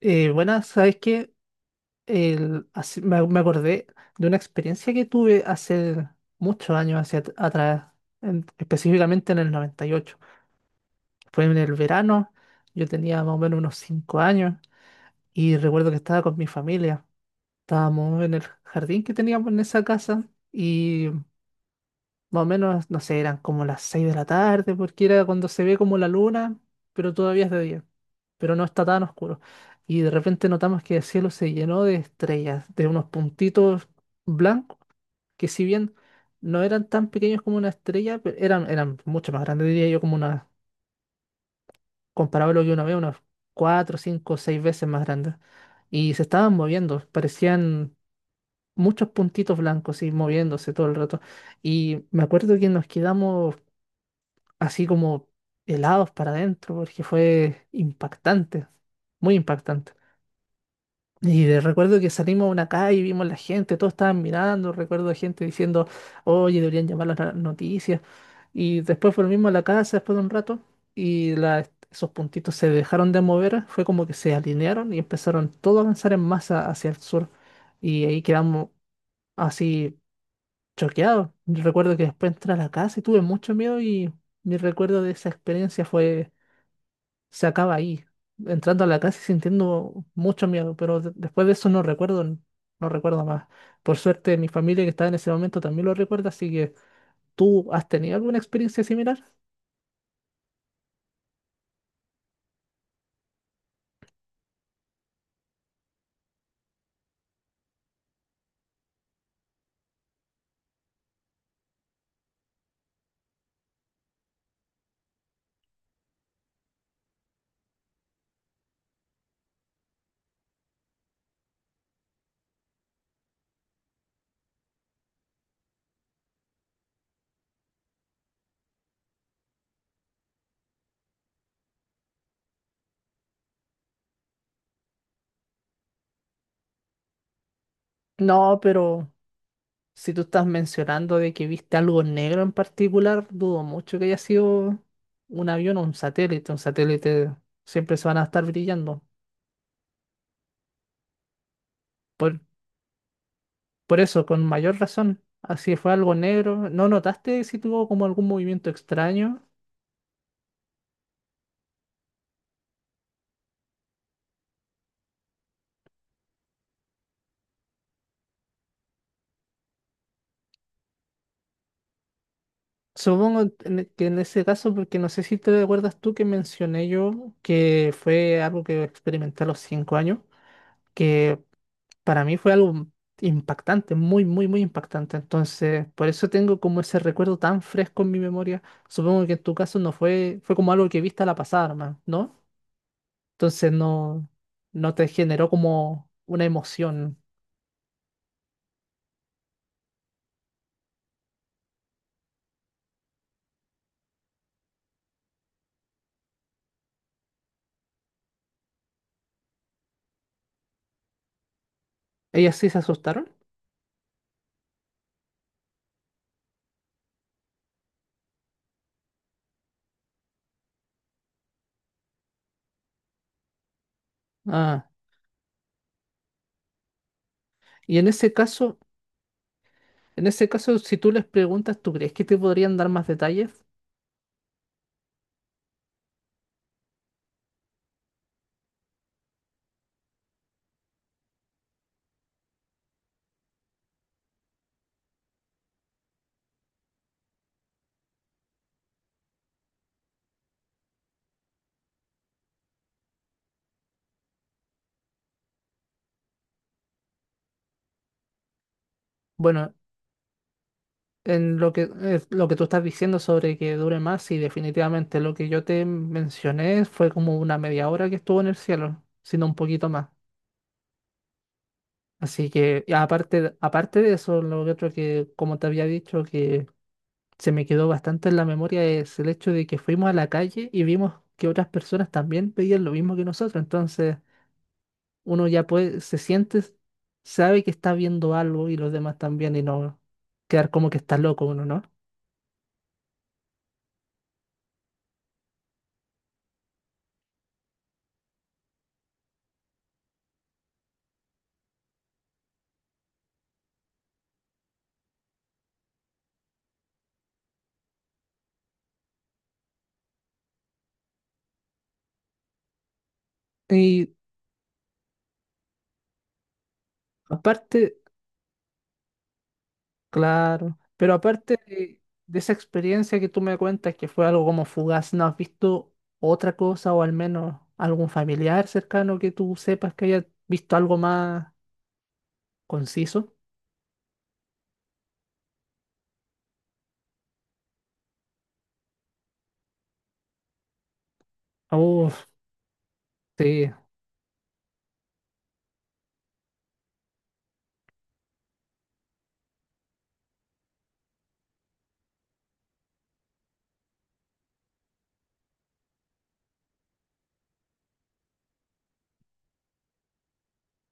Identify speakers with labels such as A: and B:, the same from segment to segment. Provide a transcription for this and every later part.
A: Bueno, ¿sabes que El- me acordé de una experiencia que tuve hace muchos años hacia atrás, específicamente en el 98. Fue en el verano, yo tenía más o menos unos 5 años y recuerdo que estaba con mi familia. Estábamos en el jardín que teníamos en esa casa y más o menos, no sé, eran como las 6 de la tarde, porque era cuando se ve como la luna, pero todavía es de día, pero no está tan oscuro. Y de repente notamos que el cielo se llenó de estrellas, de unos puntitos blancos, que si bien no eran tan pequeños como una estrella, eran mucho más grandes, diría yo, como una, comparable a lo que uno ve, unas 4, 5, 6 veces más grandes. Y se estaban moviendo, parecían muchos puntitos blancos y moviéndose todo el rato. Y me acuerdo que nos quedamos así como helados para adentro, porque fue impactante, muy impactante. Y recuerdo que salimos a una calle y vimos la gente, todos estaban mirando, recuerdo gente diciendo, oye, deberían llamar a las noticias. Y después volvimos a la casa después de un rato y esos puntitos se dejaron de mover, fue como que se alinearon y empezaron todos a avanzar en masa hacia el sur. Y ahí quedamos así choqueados. Recuerdo que después entré a la casa y tuve mucho miedo y mi recuerdo de esa experiencia fue, se acaba ahí, entrando a la casa y sintiendo mucho miedo, pero después de eso no recuerdo, no recuerdo más. Por suerte, mi familia que estaba en ese momento también lo recuerda, así que ¿tú has tenido alguna experiencia similar? No, pero si tú estás mencionando de que viste algo negro en particular, dudo mucho que haya sido un avión o un satélite. Un satélite siempre se van a estar brillando. Por, por eso, con mayor razón. Así fue algo negro. ¿No notaste si tuvo como algún movimiento extraño? Supongo que en ese caso, porque no sé si te acuerdas tú que mencioné yo que fue algo que experimenté a los 5 años, que para mí fue algo impactante, muy, muy, muy impactante. Entonces, por eso tengo como ese recuerdo tan fresco en mi memoria. Supongo que en tu caso no fue, fue como algo que viste a la pasada, nomás, ¿no? Entonces no, no te generó como una emoción. ¿Ellas sí se asustaron? Ah, y en ese caso, si tú les preguntas, ¿tú crees que te podrían dar más detalles? Bueno, en lo que, es lo que tú estás diciendo sobre que dure más, sí, definitivamente lo que yo te mencioné fue como una media hora que estuvo en el cielo, sino un poquito más. Así que, y aparte, aparte de eso, lo otro que, como te había dicho, que se me quedó bastante en la memoria es el hecho de que fuimos a la calle y vimos que otras personas también pedían lo mismo que nosotros. Entonces, uno ya puede, se siente, sabe que está viendo algo y los demás también, y no quedar como que está loco uno, ¿no? Y. Aparte Claro, pero aparte de esa experiencia que tú me cuentas, que fue algo como fugaz, ¿no has visto otra cosa o al menos algún familiar cercano que tú sepas que haya visto algo más conciso? Uf, sí,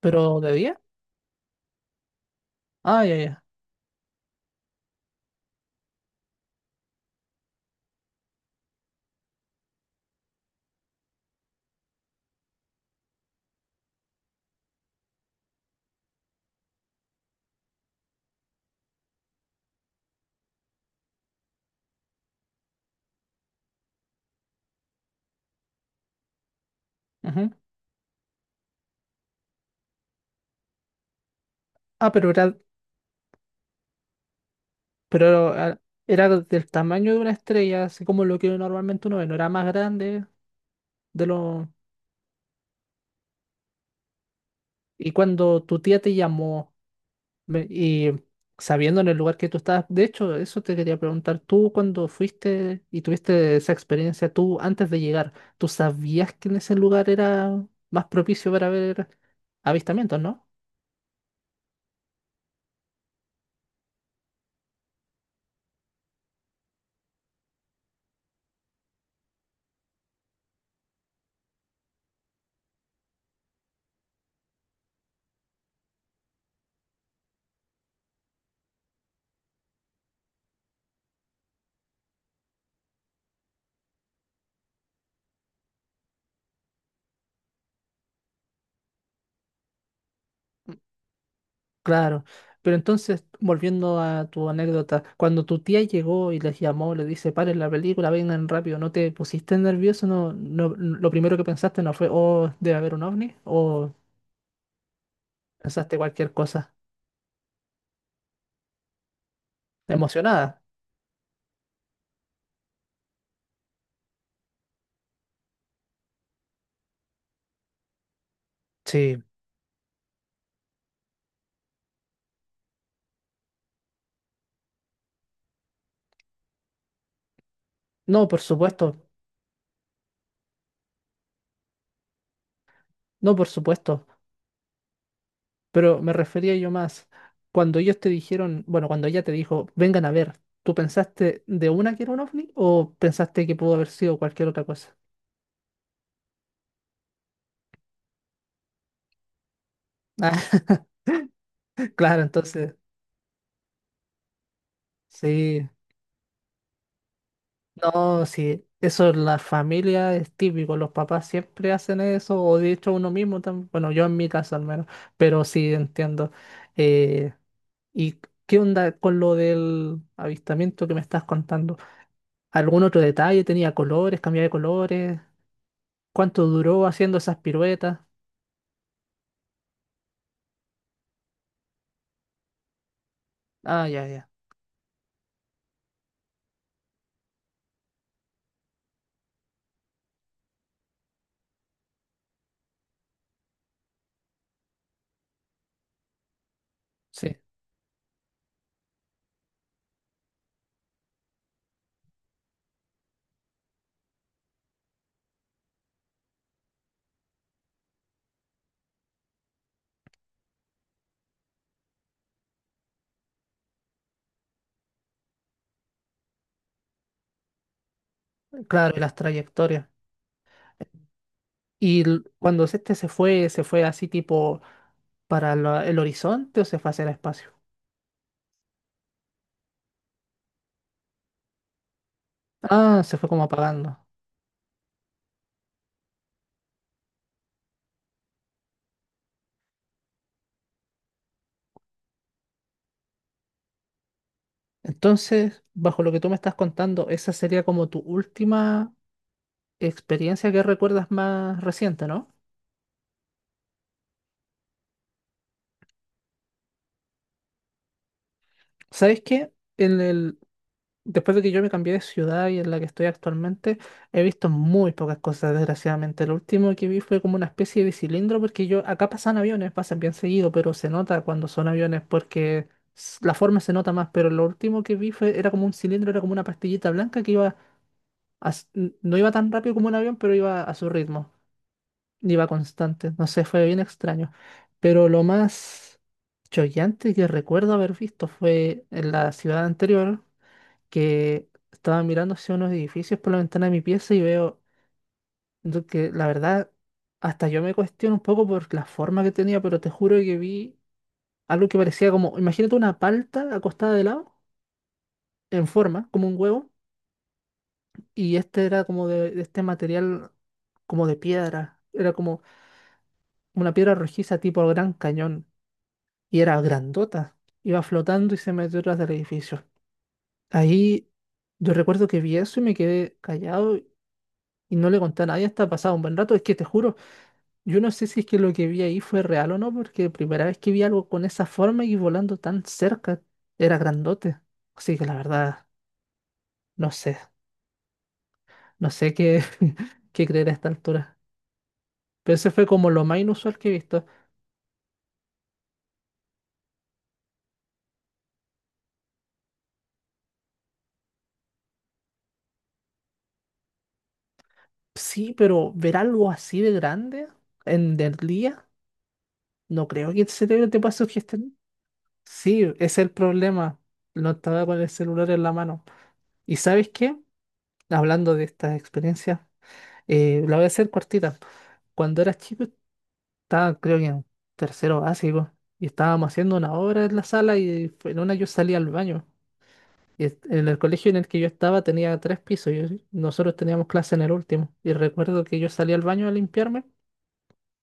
A: pero de día. Ah, ya, ya. Ujú. Ah, pero ah, era del tamaño de una estrella, así como lo que normalmente uno ve, no era más grande de lo... Y cuando tu tía te llamó, y sabiendo en el lugar que tú estabas, de hecho, eso te quería preguntar, tú cuando fuiste y tuviste esa experiencia, tú antes de llegar, ¿tú sabías que en ese lugar era más propicio para ver avistamientos, no? Claro, pero entonces, volviendo a tu anécdota, cuando tu tía llegó y les llamó, le dice, paren la película, vengan rápido, ¿no te pusiste nervioso? No, no, lo primero que pensaste no fue, oh, debe haber un ovni, o pensaste cualquier cosa emocionada. Sí. No, por supuesto. No, por supuesto, pero me refería yo más. Cuando ellos te dijeron, bueno, cuando ella te dijo, vengan a ver, ¿tú pensaste de una que era un ovni o pensaste que pudo haber sido cualquier otra cosa? Ah, claro, entonces, sí, no, sí, eso en la familia es típico, los papás siempre hacen eso, o de hecho uno mismo también, bueno, yo en mi caso al menos, pero sí entiendo. Eh, ¿Y qué onda con lo del avistamiento que me estás contando? ¿Algún otro detalle? ¿Tenía colores? ¿Cambiaba de colores? ¿Cuánto duró haciendo esas piruetas? Ah, ya, ya. Sí, claro, y las trayectorias. Y cuando este ¿se fue así tipo para el horizonte o se fue hacia el espacio? Ah, se fue como apagando. Entonces, bajo lo que tú me estás contando, esa sería como tu última experiencia que recuerdas más reciente, ¿no? ¿Sabes qué? Después de que yo me cambié de ciudad y en la que estoy actualmente, he visto muy pocas cosas, desgraciadamente. Lo último que vi fue como una especie de cilindro, porque yo, acá pasan aviones, pasan bien seguido, pero se nota cuando son aviones, porque la forma se nota más, pero lo último que vi fue, era como un cilindro, era como una pastillita blanca que iba, no iba tan rápido como un avión, pero iba a su ritmo, iba constante. No sé, fue bien extraño. Pero lo más choqueante que recuerdo haber visto fue en la ciudad anterior, que estaba mirando hacia unos edificios por la ventana de mi pieza y veo lo que, la verdad, hasta yo me cuestiono un poco por la forma que tenía, pero te juro que vi algo que parecía como, imagínate una palta acostada de lado, en forma, como un huevo, y este era como de este material como de piedra, era como una piedra rojiza tipo Gran Cañón, y era grandota, iba flotando y se metió detrás del edificio. Ahí yo recuerdo que vi eso y me quedé callado y no le conté a nadie hasta pasado un buen rato. Es que te juro, yo no sé si es que lo que vi ahí fue real o no, porque primera vez que vi algo con esa forma y volando tan cerca, era grandote. Así que la verdad, no sé, no sé qué, qué creer a esta altura. Pero ese fue como lo más inusual que he visto. Sí, pero ver algo así de grande en del día, no creo que el cerebro te pueda sugestionar. Sí, ese es el problema. No estaba con el celular en la mano. ¿Y sabes qué? Hablando de estas experiencias. La voy a hacer cortita. Cuando era chico, estaba creo que en tercero básico y estábamos haciendo una obra en la sala y en una yo salí al baño. Y en el colegio en el que yo estaba tenía 3 pisos y nosotros teníamos clase en el último. Y recuerdo que yo salí al baño a limpiarme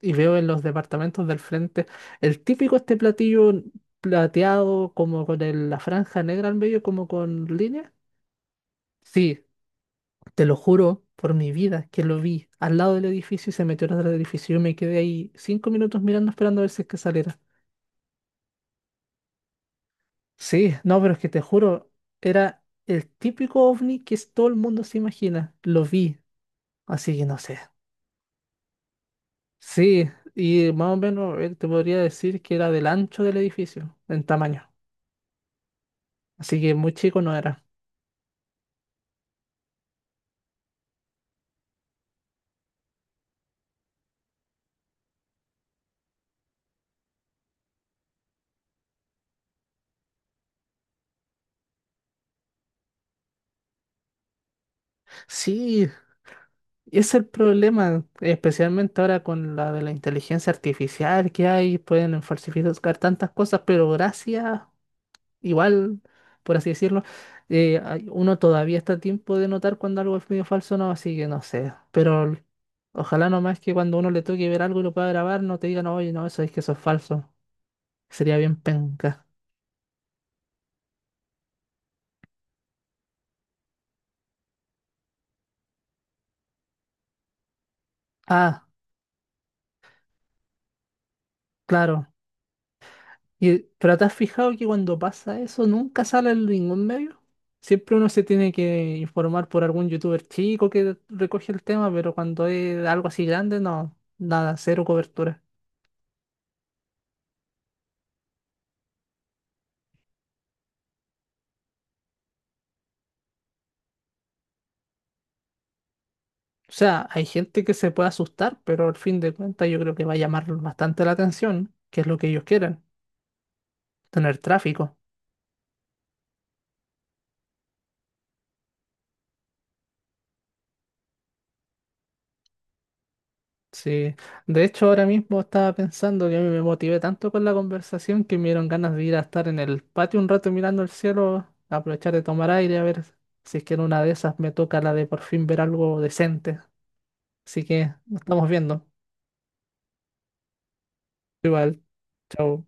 A: y veo en los departamentos del frente el típico este platillo plateado como con la franja negra al medio como con líneas. Sí, te lo juro por mi vida que lo vi al lado del edificio y se metió atrás del edificio. Yo me quedé ahí 5 minutos mirando, esperando a ver si es que saliera. Sí, no, pero es que te juro, era el típico ovni que todo el mundo se imagina. Lo vi, así que no sé. Sí, y más o menos, a ver, te podría decir que era del ancho del edificio, en tamaño. Así que muy chico no era. Sí, y ese es el problema, especialmente ahora con la de la inteligencia artificial que hay, pueden falsificar tantas cosas, pero gracias, igual, por así decirlo, uno todavía está a tiempo de notar cuando algo es medio falso o no, así que no sé, pero ojalá nomás que cuando uno le toque ver algo y lo pueda grabar, no te digan, oye, no, eso es que eso es falso, sería bien penca. Ah, claro. Y, pero ¿te has fijado que cuando pasa eso nunca sale en ningún medio? Siempre uno se tiene que informar por algún youtuber chico que recoge el tema, pero cuando es algo así grande, no, nada, cero cobertura. O sea, hay gente que se puede asustar, pero al fin de cuentas yo creo que va a llamar bastante la atención, que es lo que ellos quieren, tener tráfico. Sí, de hecho ahora mismo estaba pensando que a mí me motivé tanto con la conversación que me dieron ganas de ir a estar en el patio un rato mirando el cielo, aprovechar de tomar aire, a ver si es que en una de esas me toca la de por fin ver algo decente. Así que nos estamos viendo. Igual, chao.